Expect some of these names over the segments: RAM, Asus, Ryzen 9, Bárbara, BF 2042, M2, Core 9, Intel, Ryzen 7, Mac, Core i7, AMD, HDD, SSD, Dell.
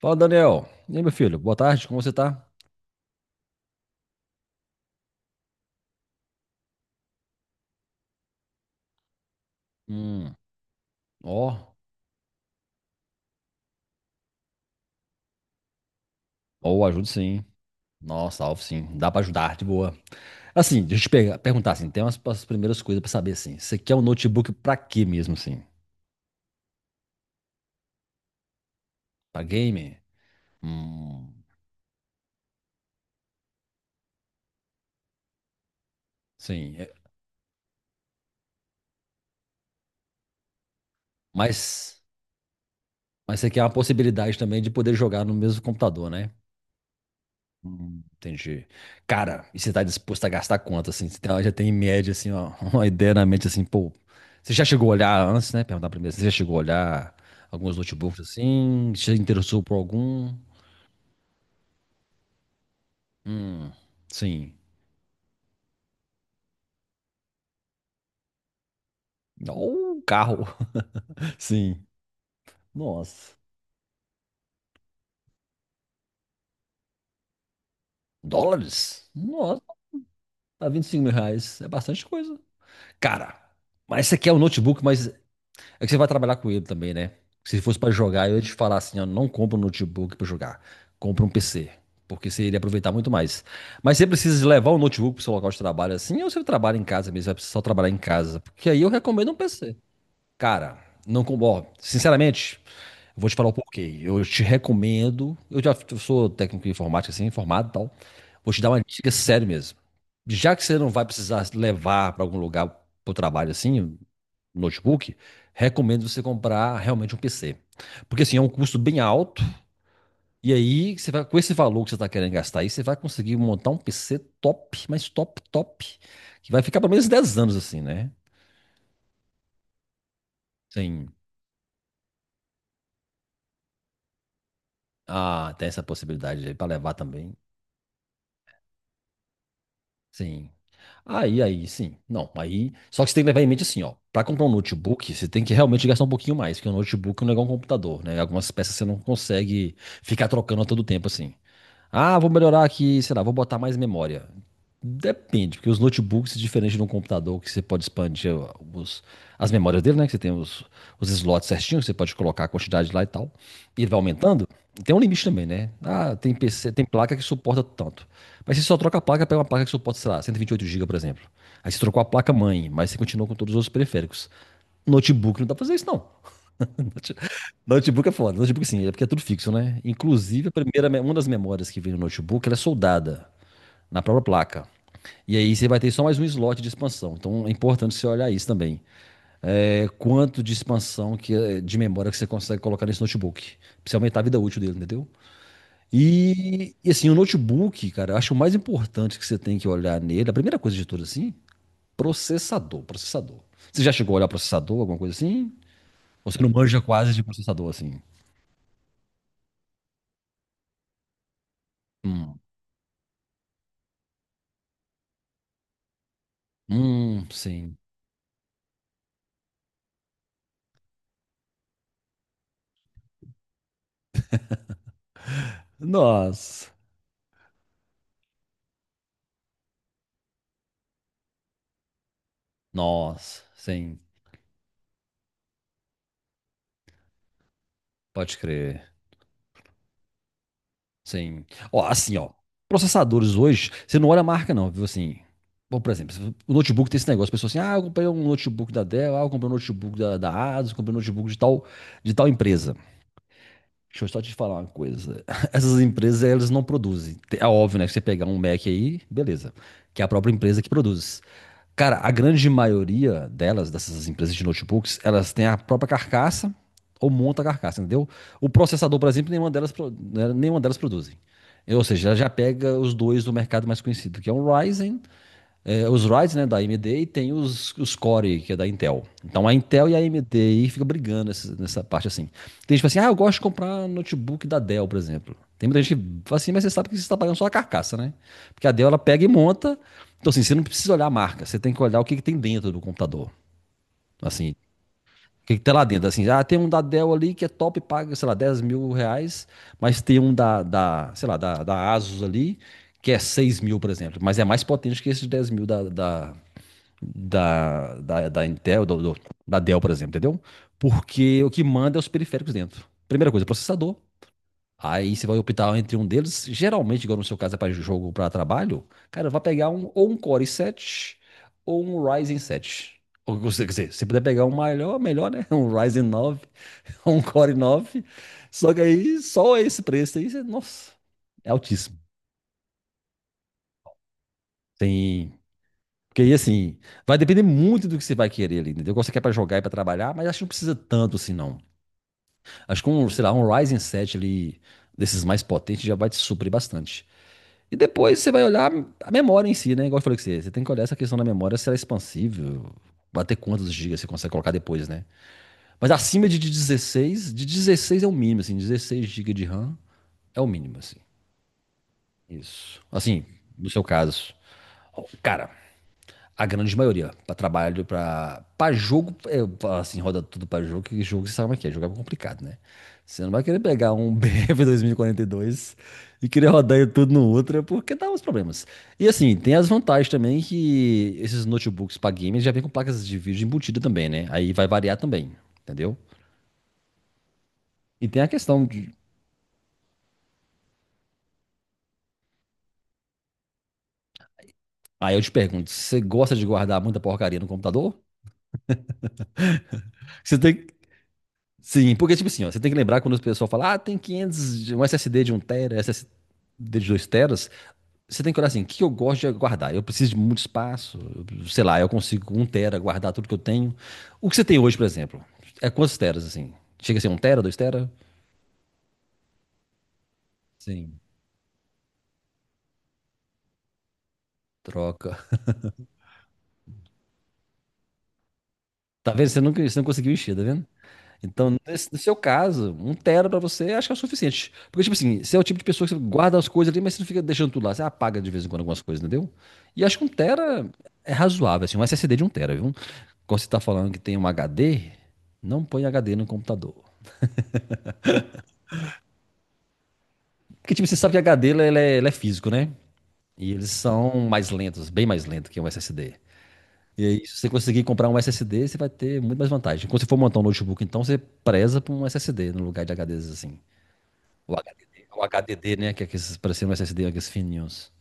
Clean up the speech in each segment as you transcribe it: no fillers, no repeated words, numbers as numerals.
Fala, Daniel. E aí, meu filho? Boa tarde, como você tá? Hum, ó, ajudo sim. Nossa, Alvo, sim. Dá pra ajudar, de boa. Assim, deixa eu te perguntar, assim, tem umas primeiras coisas pra saber, assim. Você quer um notebook pra quê mesmo, assim? Pra game? Hum, sim. Mas, mas você quer uma possibilidade também de poder jogar no mesmo computador, né? Entendi. Cara, e você tá disposto a gastar quanto, assim? Já tem em média, assim, ó, uma ideia na mente, assim, pô. Você já chegou a olhar antes, né? Perguntar primeiro. Você já chegou a olhar alguns notebooks, assim? Você se interessou por algum? Hum, sim. Ou um carro. Sim. Nossa. Dólares? Nossa, tá 25 mil reais. É bastante coisa. Cara, mas você quer um notebook, mas é que você vai trabalhar com ele também, né? Se fosse pra jogar, eu ia te falar assim, ó, não compra um notebook pra jogar, compra um PC, porque você iria aproveitar muito mais. Mas você precisa levar o notebook pro seu local de trabalho assim, ou você trabalha em casa mesmo, vai precisar só trabalhar em casa, porque aí eu recomendo um PC. Cara, não com, ó, sinceramente, vou te falar o porquê. Eu te recomendo. Eu já eu sou técnico em informática, assim, formado e tal. Vou te dar uma dica séria mesmo. Já que você não vai precisar levar para algum lugar para o trabalho, assim, notebook, recomendo você comprar realmente um PC. Porque, assim, é um custo bem alto. E aí, você vai, com esse valor que você está querendo gastar aí, você vai conseguir montar um PC top, mas top, top. Que vai ficar pelo menos 10 anos, assim, né? Sim. Ah, tem essa possibilidade aí para levar também. Sim. Aí, sim. Não, aí. Só que você tem que levar em mente assim, ó. Pra comprar um notebook, você tem que realmente gastar um pouquinho mais, porque um notebook não é igual um computador, né? Algumas peças você não consegue ficar trocando a todo tempo, assim. Ah, vou melhorar aqui, sei lá, vou botar mais memória. Depende, porque os notebooks, é diferente de um computador, que você pode expandir os- as memórias dele, né? Que você tem os slots certinhos, você pode colocar a quantidade lá e tal. E ele vai aumentando. E tem um limite também, né? Ah, tem PC, tem placa que suporta tanto. Mas você só troca a placa, pega uma placa que suporta, sei lá, 128 GB, por exemplo. Aí você trocou a placa mãe, mas você continua com todos os outros periféricos. Notebook não dá pra fazer isso, não. Notebook é foda. Notebook sim, é porque é tudo fixo, né? Inclusive, a primeira, uma das memórias que vem no notebook, ela é soldada na própria placa. E aí você vai ter só mais um slot de expansão. Então é importante você olhar isso também. É, quanto de expansão que, é, de memória que você consegue colocar nesse notebook. Pra você aumentar a vida útil dele, entendeu? E, assim, o notebook, cara, eu acho o mais importante que você tem que olhar nele, a primeira coisa de tudo assim, processador. Você já chegou a olhar processador, alguma coisa assim? Ou você não manja quase de processador assim? Sim. Nossa, nossa, sim, pode crer, sim. Ó, assim, ó, processadores hoje, você não olha a marca não, viu, assim. Bom, por exemplo, o notebook tem esse negócio, a pessoa assim, ah, eu comprei um notebook da Dell, ah, eu comprei um notebook da Asus, eu comprei um notebook de tal empresa. Deixa eu só te falar uma coisa, essas empresas, elas não produzem. É óbvio, né, que você pegar um Mac aí, beleza, que é a própria empresa que produz. Cara, a grande maioria delas, dessas empresas de notebooks, elas têm a própria carcaça ou monta a carcaça, entendeu? O processador, por exemplo, nenhuma delas, nenhuma delas produzem. Ou seja, ela já pega os dois do mercado mais conhecido, que é um Ryzen é, os rides, né, da AMD e tem os Core, que é da Intel. Então a Intel e a AMD aí fica brigando nessa parte assim. Tem gente que fala assim, ah, eu gosto de comprar notebook da Dell, por exemplo. Tem muita gente que fala assim, mas você sabe que você está pagando só a carcaça, né? Porque a Dell ela pega e monta. Então assim, você não precisa olhar a marca, você tem que olhar o que tem dentro do computador. Assim, o que tem lá dentro? Assim, ah, tem um da Dell ali que é top, paga, sei lá, 10 mil reais, mas tem um da sei lá, da Asus ali que é 6 mil, por exemplo, mas é mais potente que esse de 10 mil da Intel, da Dell, por exemplo, entendeu? Porque o que manda é os periféricos dentro. Primeira coisa, processador. Aí você vai optar entre um deles. Geralmente, igual no seu caso é para jogo, para trabalho, cara, vai pegar um, ou um Core i7 ou um Ryzen 7. Ou, quer dizer, se puder pegar um melhor, melhor, né? Um Ryzen 9 um Core 9. Só que aí, só esse preço aí, nossa, é altíssimo. Tem. Porque aí, assim, vai depender muito do que você vai querer ali, entendeu? Qual você quer pra jogar e pra trabalhar, mas acho que não precisa tanto assim, não. Acho que um, sei lá, um Ryzen 7 ali, desses mais potentes, já vai te suprir bastante. E depois você vai olhar a memória em si, né? Igual eu falei com você, você tem que olhar essa questão da memória, se ela é expansível, bater quantos gigas você consegue colocar depois, né? Mas acima de 16 é o mínimo, assim, 16 gigas de RAM é o mínimo, assim. Isso. Assim, no seu caso. Ó, cara, a grande maioria, para trabalho, para jogo, é, assim, roda tudo para jogo, que jogo você sabe como é que é, jogo é complicado, né? Você não vai querer pegar um BF 2042 e quarenta e dois e querer rodar ele tudo no Ultra, porque dá uns problemas. E assim, tem as vantagens também que esses notebooks para games já vem com placas de vídeo embutida também, né? Aí vai variar também, entendeu? E tem a questão de. Aí eu te pergunto, você gosta de guardar muita porcaria no computador? Você tem, Sim, porque, tipo assim, ó, você tem que lembrar quando o pessoal fala, ah, tem 500, um SSD de um tera, SSD de 2 teras, você tem que olhar assim, o que eu gosto de guardar? Eu preciso de muito espaço, sei lá, eu consigo com 1 tera guardar tudo que eu tenho. O que você tem hoje, por exemplo, é quantos teras, assim? Chega a ser 1 tera, 2 tera? Sim, troca. Tá vendo? Você não conseguiu encher, tá vendo? Então, no seu caso, um tera pra você acho que é o suficiente. Porque, tipo assim, você é o tipo de pessoa que você guarda as coisas ali, mas você não fica deixando tudo lá. Você apaga de vez em quando algumas coisas, entendeu? E acho que um tera é razoável, assim, um SSD de um tera, viu? Quando você tá falando que tem um HD, não põe HD no computador. Porque, tipo, você sabe que ele é físico, né? E eles são mais lentos, bem mais lentos que um SSD. E aí, se você conseguir comprar um SSD, você vai ter muito mais vantagem. Quando você for montar um notebook, então, você preza por um SSD no lugar de HDs, assim. O HDD, né? Que é aqueles parecendo um SSD, aqueles fininhos.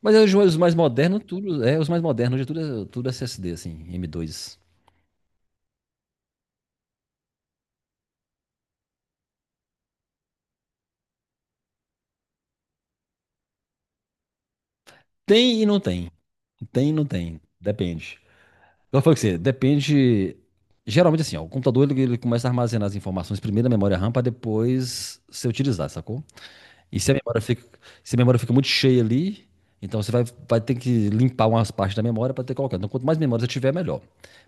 Mas é os mais modernos, tudo. É, os mais modernos, hoje tudo, tudo é SSD, assim, M2. Tem e não tem. Depende. Eu falei com você, depende. Geralmente, assim, ó, o computador ele começa a armazenar as informações primeiro na memória RAM para depois ser utilizado, sacou? E se a memória fica muito cheia ali, então você vai, vai ter que limpar umas partes da memória para ter colocado. Então, quanto mais memória você tiver, melhor.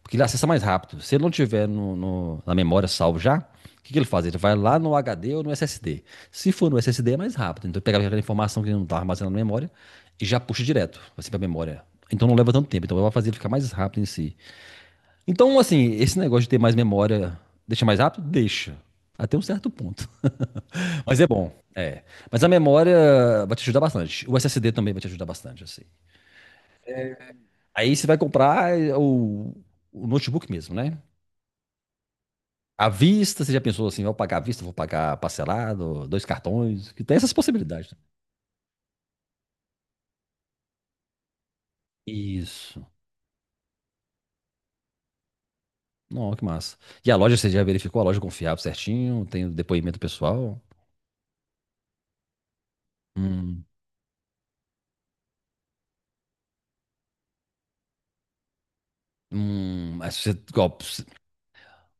Porque ele acessa mais rápido. Se ele não tiver na memória salvo já, o que ele faz? Ele vai lá no HD ou no SSD. Se for no SSD, é mais rápido. Então, ele pega aquela informação que ele não está armazenando na memória e já puxa direto, assim, para a memória. Então, não leva tanto tempo. Então, vai fazer ele ficar mais rápido em si. Então, assim, esse negócio de ter mais memória deixa mais rápido? Deixa. Até um certo ponto. Mas é bom. É. Mas a memória vai te ajudar bastante. O SSD também vai te ajudar bastante, assim. Aí você vai comprar o notebook mesmo, né? À vista, você já pensou assim, vou pagar à vista, vou pagar parcelado, dois cartões, que tem essas possibilidades, né? Isso. Não, que massa. E a loja, você já verificou a loja é confiável certinho, tem o depoimento pessoal. Hum, mas você, igual, o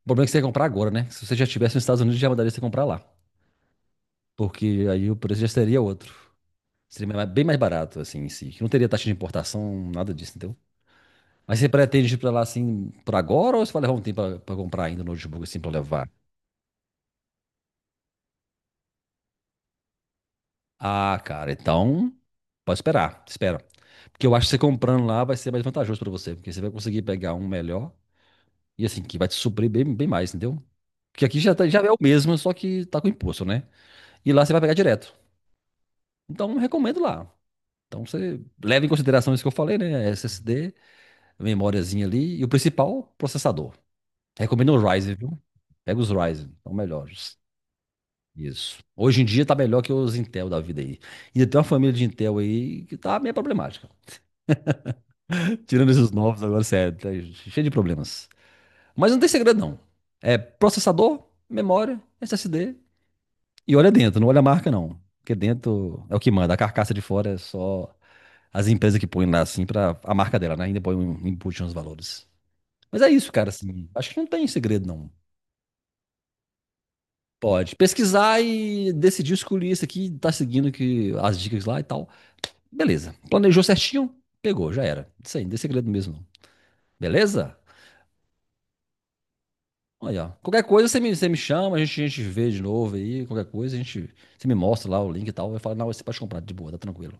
problema é que você ia comprar agora, né? Se você já estivesse nos Estados Unidos, já mandaria você comprar lá. Porque aí o preço já seria outro. Bem mais barato, assim, em si. Que não teria taxa de importação, nada disso, entendeu? Mas você pretende ir pra lá, assim, por agora ou você vai levar um tempo pra comprar ainda o notebook, assim, pra levar? Ah, cara, então. Pode esperar, espera. Porque eu acho que você comprando lá vai ser mais vantajoso pra você, porque você vai conseguir pegar um melhor e, assim, que vai te suprir bem, bem mais, entendeu? Porque aqui já, já é o mesmo, só que tá com imposto, né? E lá você vai pegar direto. Então, recomendo lá. Então, você leva em consideração isso que eu falei, né? SSD, memóriazinha ali e o principal, processador. Recomendo o Ryzen, viu? Pega os Ryzen, são melhores. Isso. Hoje em dia tá melhor que os Intel da vida aí. Ainda tem uma família de Intel aí que tá meio problemática. Tirando esses novos agora, sério, tá cheio de problemas. Mas não tem segredo, não. É processador, memória, SSD. E olha dentro, não olha a marca, não. Porque dentro é o que manda. A carcaça de fora é só as empresas que põem lá, assim, pra a marca dela, né? Ainda põe um input nos valores. Mas é isso, cara, assim. Acho que não tem segredo, não. Pode pesquisar e decidir escolher isso aqui, tá seguindo que, as dicas lá e tal. Beleza. Planejou certinho, pegou, já era. Isso aí, não tem segredo mesmo, não. Beleza? Olha, ó. Qualquer coisa você me chama, a gente vê de novo aí, qualquer coisa, a gente, você me mostra lá o link e tal. Eu falo, não, você pode comprar de boa, tá tranquilo.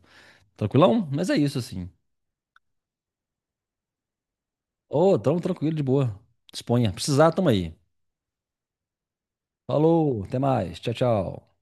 Tranquilão? Mas é isso, assim. Ô, tamo tranquilo, de boa. Disponha. Precisar, tamo aí. Falou, até mais. Tchau, tchau.